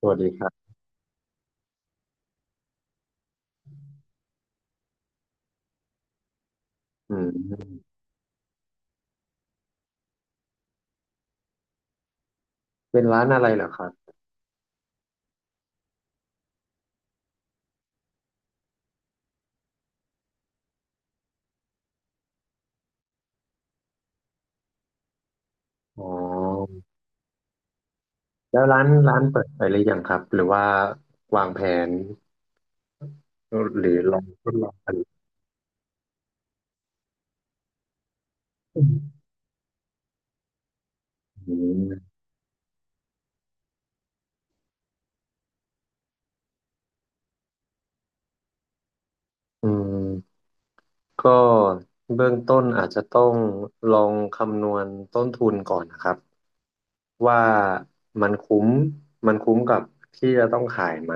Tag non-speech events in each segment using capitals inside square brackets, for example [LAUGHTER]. สวัสดีครับอืมเป็นร้านอะไรเหรอครับอ๋อแล้วร้านเปิดไปหรือยังครับ หรือว่าวางแผนหรือลองทดลองผลิตอืมอืมก็เบื้องต้นอาจจะต้องลองคำนวณต้นทุนก่อนนะครับว่ามันคุ้มมันคุ้มกับที่จะต้องขายไหม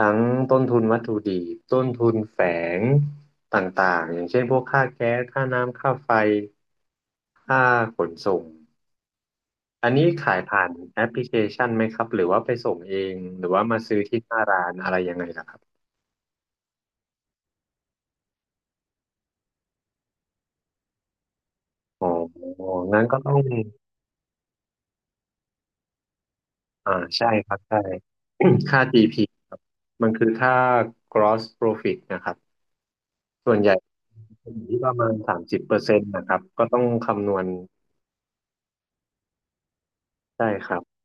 ทั้งต้นทุนวัตถุดิบต้นทุนแฝงต่างๆอย่างเช่นพวกค่าแก๊สค่าน้ำค่าไฟค่าขนส่ง อันนี้ขายผ่านแอปพลิเคชันไหมครับหรือว่าไปส่งเองหรือว่ามาซื้อที่หน้าร้านอะไรยังไงล่ะครับอ๋องั้นก็ต้องอ่าใช่ครับใช่ [COUGHS] [CLEARS THROAT] ค่า GP ครับมันคือค่า gross profit นะครับส่วนใหญ่จะอยู่ที่ประมาณ30%นะครับก็ต้องคำนวณใช่ครับ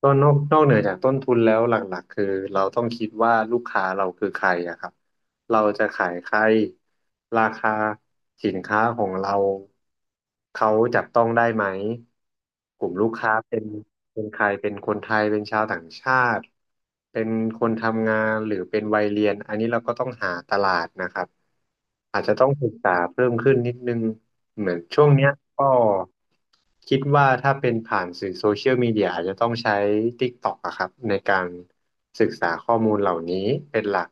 ก็นอกเหนือจากต้นทุนแล้วหลักๆคือเราต้องคิดว่าลูกค้าเราคือใครอะครับเราจะขายใครราคาสินค้าของเราเขาจับต้องได้ไหมกลุ่มลูกค้าเป็นใครเป็นคนไทยเป็นชาวต่างชาติเป็นคนทำงานหรือเป็นวัยเรียนอันนี้เราก็ต้องหาตลาดนะครับ อาจจะต้องศึกษาเพิ่มขึ้นนิดนึงเหมือนช่วงเนี้ยก็คิดว่าถ้าเป็นผ่านสื่อโซเชียลมีเดียอาจจะต้องใช้ TikTok อะครับในการศึกษาข้อมูลเหล่านี้เป็นหลัก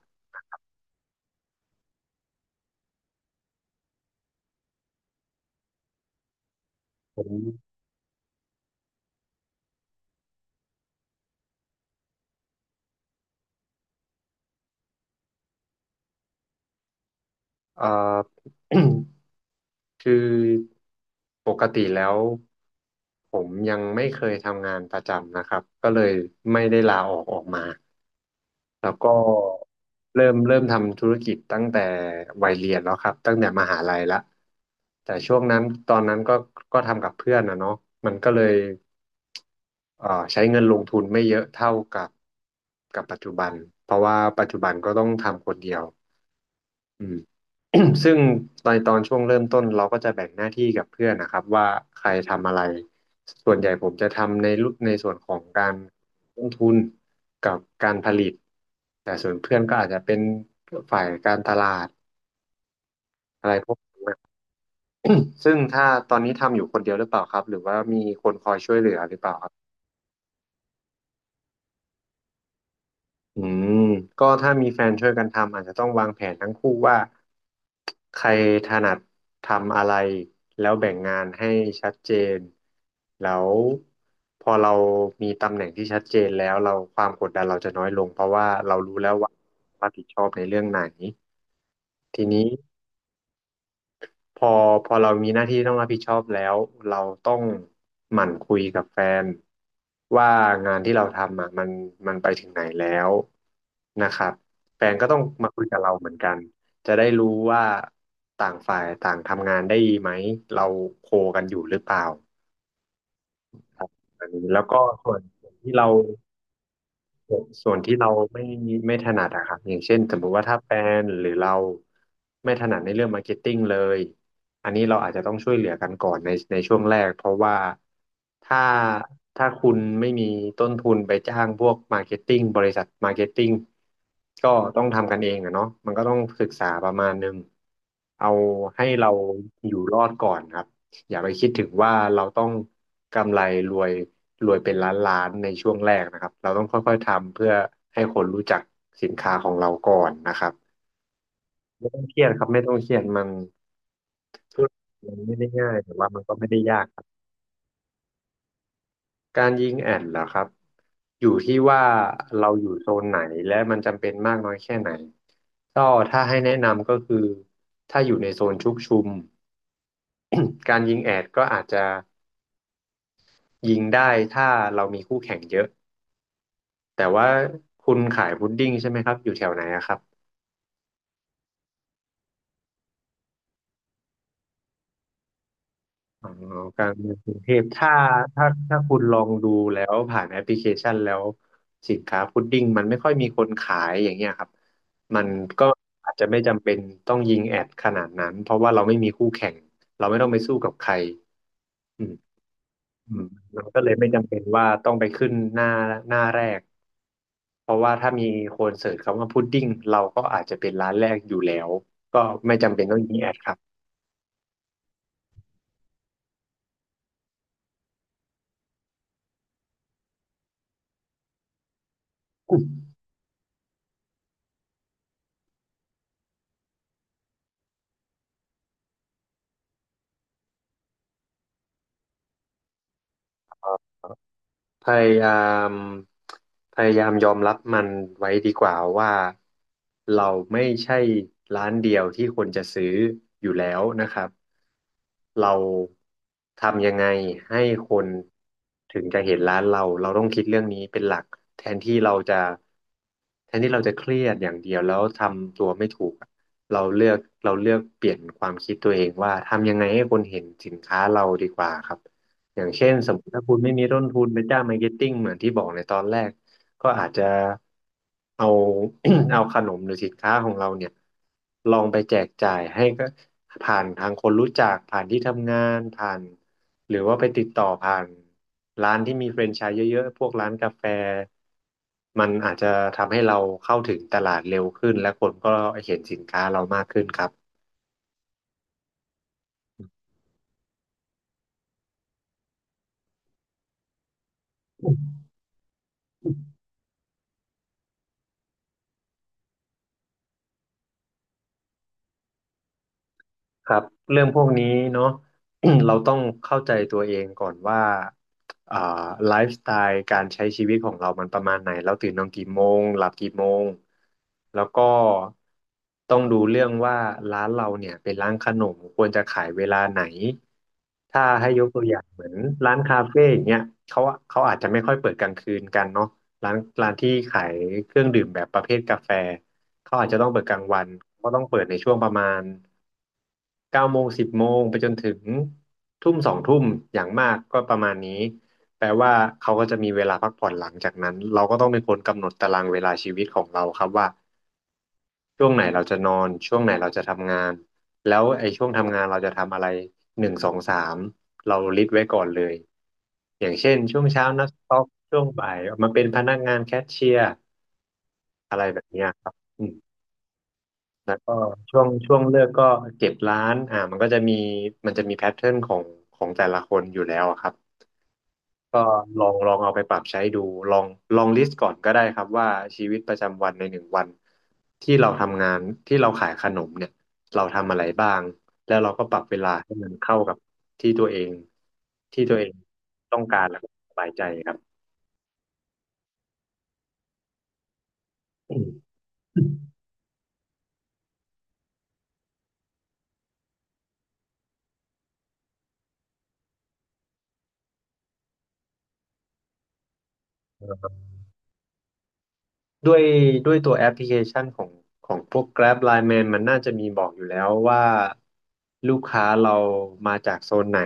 ผม [COUGHS] เอ่อ [CLEARS THROAT] คือปกติแล้วผมยังไม่เคยทำงานประจำนะครับก็เลยไม่ได้ลาออกออกมา แล้วก็เริ่มทำธุรกิจตั้งแต่วัยเรียนแล้วครับตั้งแต่มหาลัยละแต่ช่วงนั้นตอนนั้นก็ทำกับเพื่อนนะเนาะมันก็เลยใช้เงินลงทุนไม่เยอะเท่ากับปัจจุบันเพราะว่าปัจจุบันก็ต้องทำคนเดียว อืม [CLEARS THROAT] ซึ่งในตอนช่วงเริ่มต้นเราก็จะแบ่งหน้าที่กับเพื่อนนะครับว่าใครทำอะไรส่วนใหญ่ผมจะทำในรุ่นในส่วนของการลงทุนกับการผลิตแต่ส่วนเพื่อนก็อาจจะเป็นฝ่ายการตลาดอะไรพวกซึ่งถ้าตอนนี้ทำอยู่คนเดียวหรือเปล่าครับหรือว่ามีคนคอยช่วยเหลือหรือเปล่า อืมก็ถ้ามีแฟนช่วยกันทำอาจจะต้องวางแผนทั้งคู่ว่าใครถนัดทำอะไรแล้วแบ่งงานให้ชัดเจนแล้วพอเรามีตำแหน่งที่ชัดเจนแล้วเราความกดดันเราจะน้อยลงเพราะว่าเรารู้แล้วว่ารับผิดชอบในเรื่องไหนทีนี้ พอพอเรามีหน้าที่ต้องรับผิดชอบแล้วเราต้องหมั่นคุยกับแฟนว่างานที่เราทำอ่ะมันไปถึงไหนแล้วนะครับแฟนก็ต้องมาคุยกับเราเหมือนกันจะได้รู้ว่าต่างฝ่ายต่างทำงานได้ดีไหมเราโคกันอยู่หรือเปล่าอันนี้แล้วก็ส่วนที่เรา ส่วนที่เราไม่ถนัดอะครับอย่างเช่นสมมุติว่าถ้าแบรนด์หรือเราไม่ถนัดในเรื่องมาร์เก็ตติ้งเลยอันนี้เราอาจจะต้องช่วยเหลือกันก่อนในช่วงแรกเพราะว่าถ้าถ้าคุณไม่มีต้นทุนไปจ้างพวกมาร์เก็ตติ้งบริษัทมาร์เก็ตติ้งก็ต้องทำกันเองอะเนาะมันก็ต้องศึกษาประมาณนึงเอาให้เราอยู่รอดก่อนครับ อย่าไปคิดถึงว่าเราต้องกำไรรวยรวยเป็นล้านล้านในช่วงแรกนะครับเราต้องค่อยๆทำเพื่อให้คนรู้จักสินค้าของเราก่อนนะครับไม่ต้องเครียดครับไม่ต้องเครียดมันธุรกิจมันไม่ได้ง่ายแต่ว่ามันก็ไม่ได้ยากครับการยิงแอดเหรอครับอยู่ที่ว่าเราอยู่โซนไหนและมันจำเป็นมากน้อยแค่ไหนก็ถ้าให้แนะนำก็คือถ้าอยู่ในโซนชุกชุม [CLEARS THROAT] การยิงแอดก็อาจจะยิงได้ถ้าเรามีคู่แข่งเยอะ แต่ว่าคุณขายพุดดิ้งใช่ไหมครับอยู่แถวไหนอะครับอ๋อกลางเมืองกรุงเทพถ้าคุณลองดูแล้วผ่านแอปพลิเคชันแล้วสินค้าพุดดิ้งมันไม่ค่อยมีคนขายอย่างเงี้ยครับมันก็อาจจะไม่จำเป็นต้องยิงแอดขนาดนั้นเพราะว่าเราไม่มีคู่แข่งเราไม่ต้องไปสู้กับใครอืมอืมมันก็เลยไม่จำเป็นว่าต้องไปขึ้นหน้าแรกเพราะว่าถ้ามีคนเสิร์ชคำว่าพุดดิ้งเราก็อาจจะเป็นร้านแรกอยู่แล้วก็ไม่จำเป็นต้องยิงแอดครับ [COUGHS] พยายามยอมรับมันไว้ดีกว่าว่าเราไม่ใช่ร้านเดียวที่คนจะซื้ออยู่แล้วนะครับเราทำยังไงให้คนถึงจะเห็นร้านเราเราต้องคิดเรื่องนี้เป็นหลักแทนที่เราจะแทนที่เราจะเครียดอย่างเดียวแล้วทำตัวไม่ถูกอะเราเลือกเราเลือกเปลี่ยนความคิดตัวเองว่าทำยังไงให้คนเห็นสินค้าเราดีกว่าครับ อย่างเช่นสมมติถ้าคุณไม่มีต้นทุนไปจ้างมาร์เก็ตติ้งเหมือนที่บอกในตอนแรกก็อาจจะเอา [COUGHS] [CLEARS THROAT] เอาขนมหรือสินค้าของเราเนี่ยลองไปแจกจ่ายให้ก็ผ่านทางคนรู้จักผ่านที่ทำงานผ่านหรือว่าไปติดต่อผ่านร้านที่มีแฟรนไชส์เยอะๆพวกร้านกาแฟมันอาจจะทำให้เราเข้าถึงตลาดเร็วขึ้นและคนก็เห็นสินค้าเรามากขึ้นครับ ครับเรื่องพวกนี้เนาะ [CLEARS THROAT] เราต้องเข้าใจตัวเองก่อนว่าอ่าไลฟ์สไตล์การใช้ชีวิตของเรามันประมาณไหนเราตื่นนอนกี่โมงหลับกี่โมงแล้วก็ต้องดูเรื่องว่าร้านเราเนี่ยเป็นร้านขนมควรจะขายเวลาไหนถ้าให้ยกตัวอย่างเหมือนร้านคาเฟ่อย่างเงี้ยเขาเขาอาจจะไม่ค่อยเปิดกลางคืนกันเนาะร้านร้านที่ขายเครื่องดื่มแบบประเภทกาแฟเขาอาจจะต้องเปิดกลางวันเขาก็ต้องเปิดในช่วงประมาณ เก้าโมงสิบโมงไปจนถึงทุ่มสองทุ่มอย่างมากก็ประมาณนี้แปลว่าเขาก็จะมีเวลาพักผ่อนหลังจากนั้นเราก็ต้องเป็นคนกำหนดตารางเวลาชีวิตของเราครับว่าช่วงไหนเราจะนอนช่วงไหนเราจะทำงานแล้วไอ้ช่วงทำงานเราจะทำอะไรหนึ่งสองสามเราลิสต์ไว้ก่อนเลยอย่างเช่นช่วงเช้านักสต็อกช่วงบ่ายมาเป็นพนักงานแคชเชียร์อะไรแบบเนี้ยครับ แล้วก็ช่วงเลิกก็เก็บร้านอ่ามันก็จะมีมันจะมีแพทเทิร์นของของแต่ละคนอยู่แล้วอะครับ ก็ลองเอาไปปรับใช้ดูลองลองลิสต์ก่อนก็ได้ครับว่าชีวิตประจำวันในหนึ่งวันที่เราทำงานที่เราขายขนมเนี่ยเราทำอะไรบ้างแล้วเราก็ปรับเวลาให้มันเข้ากับที่ตัวเองที่ตัวเองต้องการแล้วก็สบายใจครับอืม ด้วยด้วยตัวแอปพลิเคชันของของพวก Grab Line Man มันน่าจะมีบอกอยู่แล้วว่าลูกค้าเรามาจากโซนไหน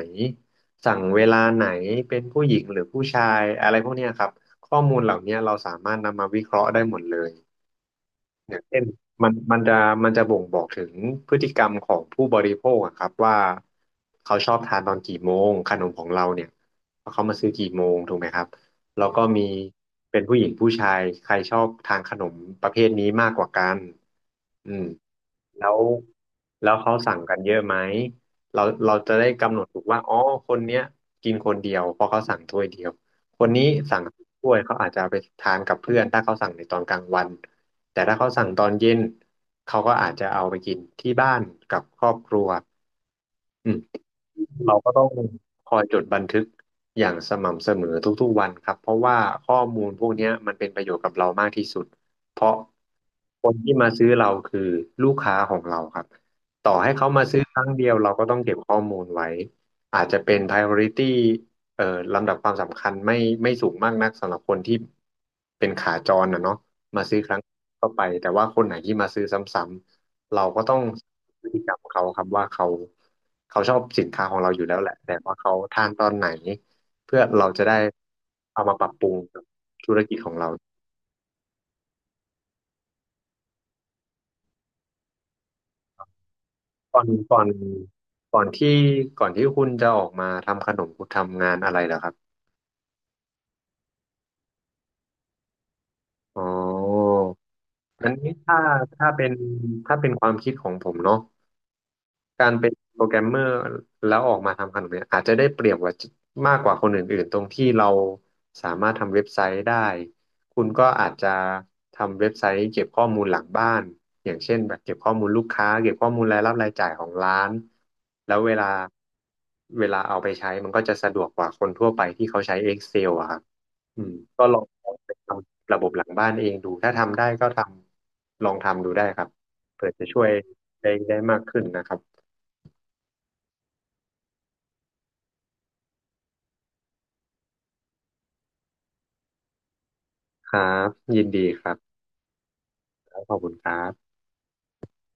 สั่งเวลาไหนเป็นผู้หญิงหรือผู้ชายอะไรพวกเนี้ยครับข้อมูลเหล่าเนี้ยเราสามารถนำมาวิเคราะห์ได้หมดเลย อย่างเช่นมันจะบ่งบอกถึงพฤติกรรมของผู้บริโภคอะครับว่าเขาชอบทานตอนกี่โมงขนมของเราเนี่ยเขามาซื้อกี่โมงถูกไหมครับแล้วก็มีเป็นผู้หญิงผู้ชายใครชอบทานขนมประเภทนี้มากกว่ากันอืมแล้วเขาสั่งกันเยอะไหมเราจะได้กำหนดถูกว่าอ๋อคนเนี้ยกินคนเดียวเพราะเขาสั่งถ้วยเดียว คนนี้สั่งถ้วยเขาอาจจะเอาไปทานกับเพื่อนถ้าเขาสั่งในตอนกลางวันแต่ถ้าเขาสั่งตอนเย็นเขาก็อาจจะเอาไปกินที่บ้านกับครอบครัว เราก็ต้องคอยจดบันทึกอย่างสม่ำเสมอทุกๆวันครับเพราะว่าข้อมูลพวกเนี้ยมันเป็นประโยชน์กับเรามากที่สุดเพราะคนที่มาซื้อเราคือลูกค้าของเราครับต่อให้เขามาซื้อครั้งเดียวเราก็ต้องเก็บข้อมูลไว้อาจจะเป็น priority เอ่อลำดับความสำคัญไม่สูงมากนักสำหรับคนที่เป็นขาจรนะเนาะ มาซื้อครั้งก็ไปแต่ว่าคนไหนที่มาซื้อซ้ำๆเราก็ต้องพฤติกรรมเขาครับว่าเขาชอบสินค้าของเราอยู่แล้วแหละแต่ว่าเขาทานตอนไหนเพื่อเราจะได้เอามาปรับปรุงกับธุรกิจของเราก่อนก่อนก่อนที่ก่อนที่คุณจะออกมาทำขนมคุณทำงานอะไรเหรอครับอ๋ออันนี้ถ้าถ้าเป็นถ้าเป็นความคิดของผมเนาะ การเป็นโปรแกรมเมอร์แล้วออกมาทำขนมเนี่ยอาจจะได้เปรียบกว่ามากกว่าคนอื่นๆตรงที่เราสามารถทำเว็บไซต์ได้คุณก็อาจจะทำเว็บไซต์เก็บข้อมูลหลังบ้านอย่างเช่นแบบเก็บข้อมูลลูกค้าเก็บข้อมูลรายรับรายจ่ายของร้านแล้วเวลาเอาไปใช้มันก็จะสะดวกกว่าคนทั่วไปที่เขาใช้ Excel อะครับอืมก็ลองไปทำระบบหลังบ้านเองดูถ้าทำได้ก็ทำลองทำดูได้ครับเผื่อจะช่วยได้มากขึ้นนะครับ ครับยินดีครับขอบคุณครับ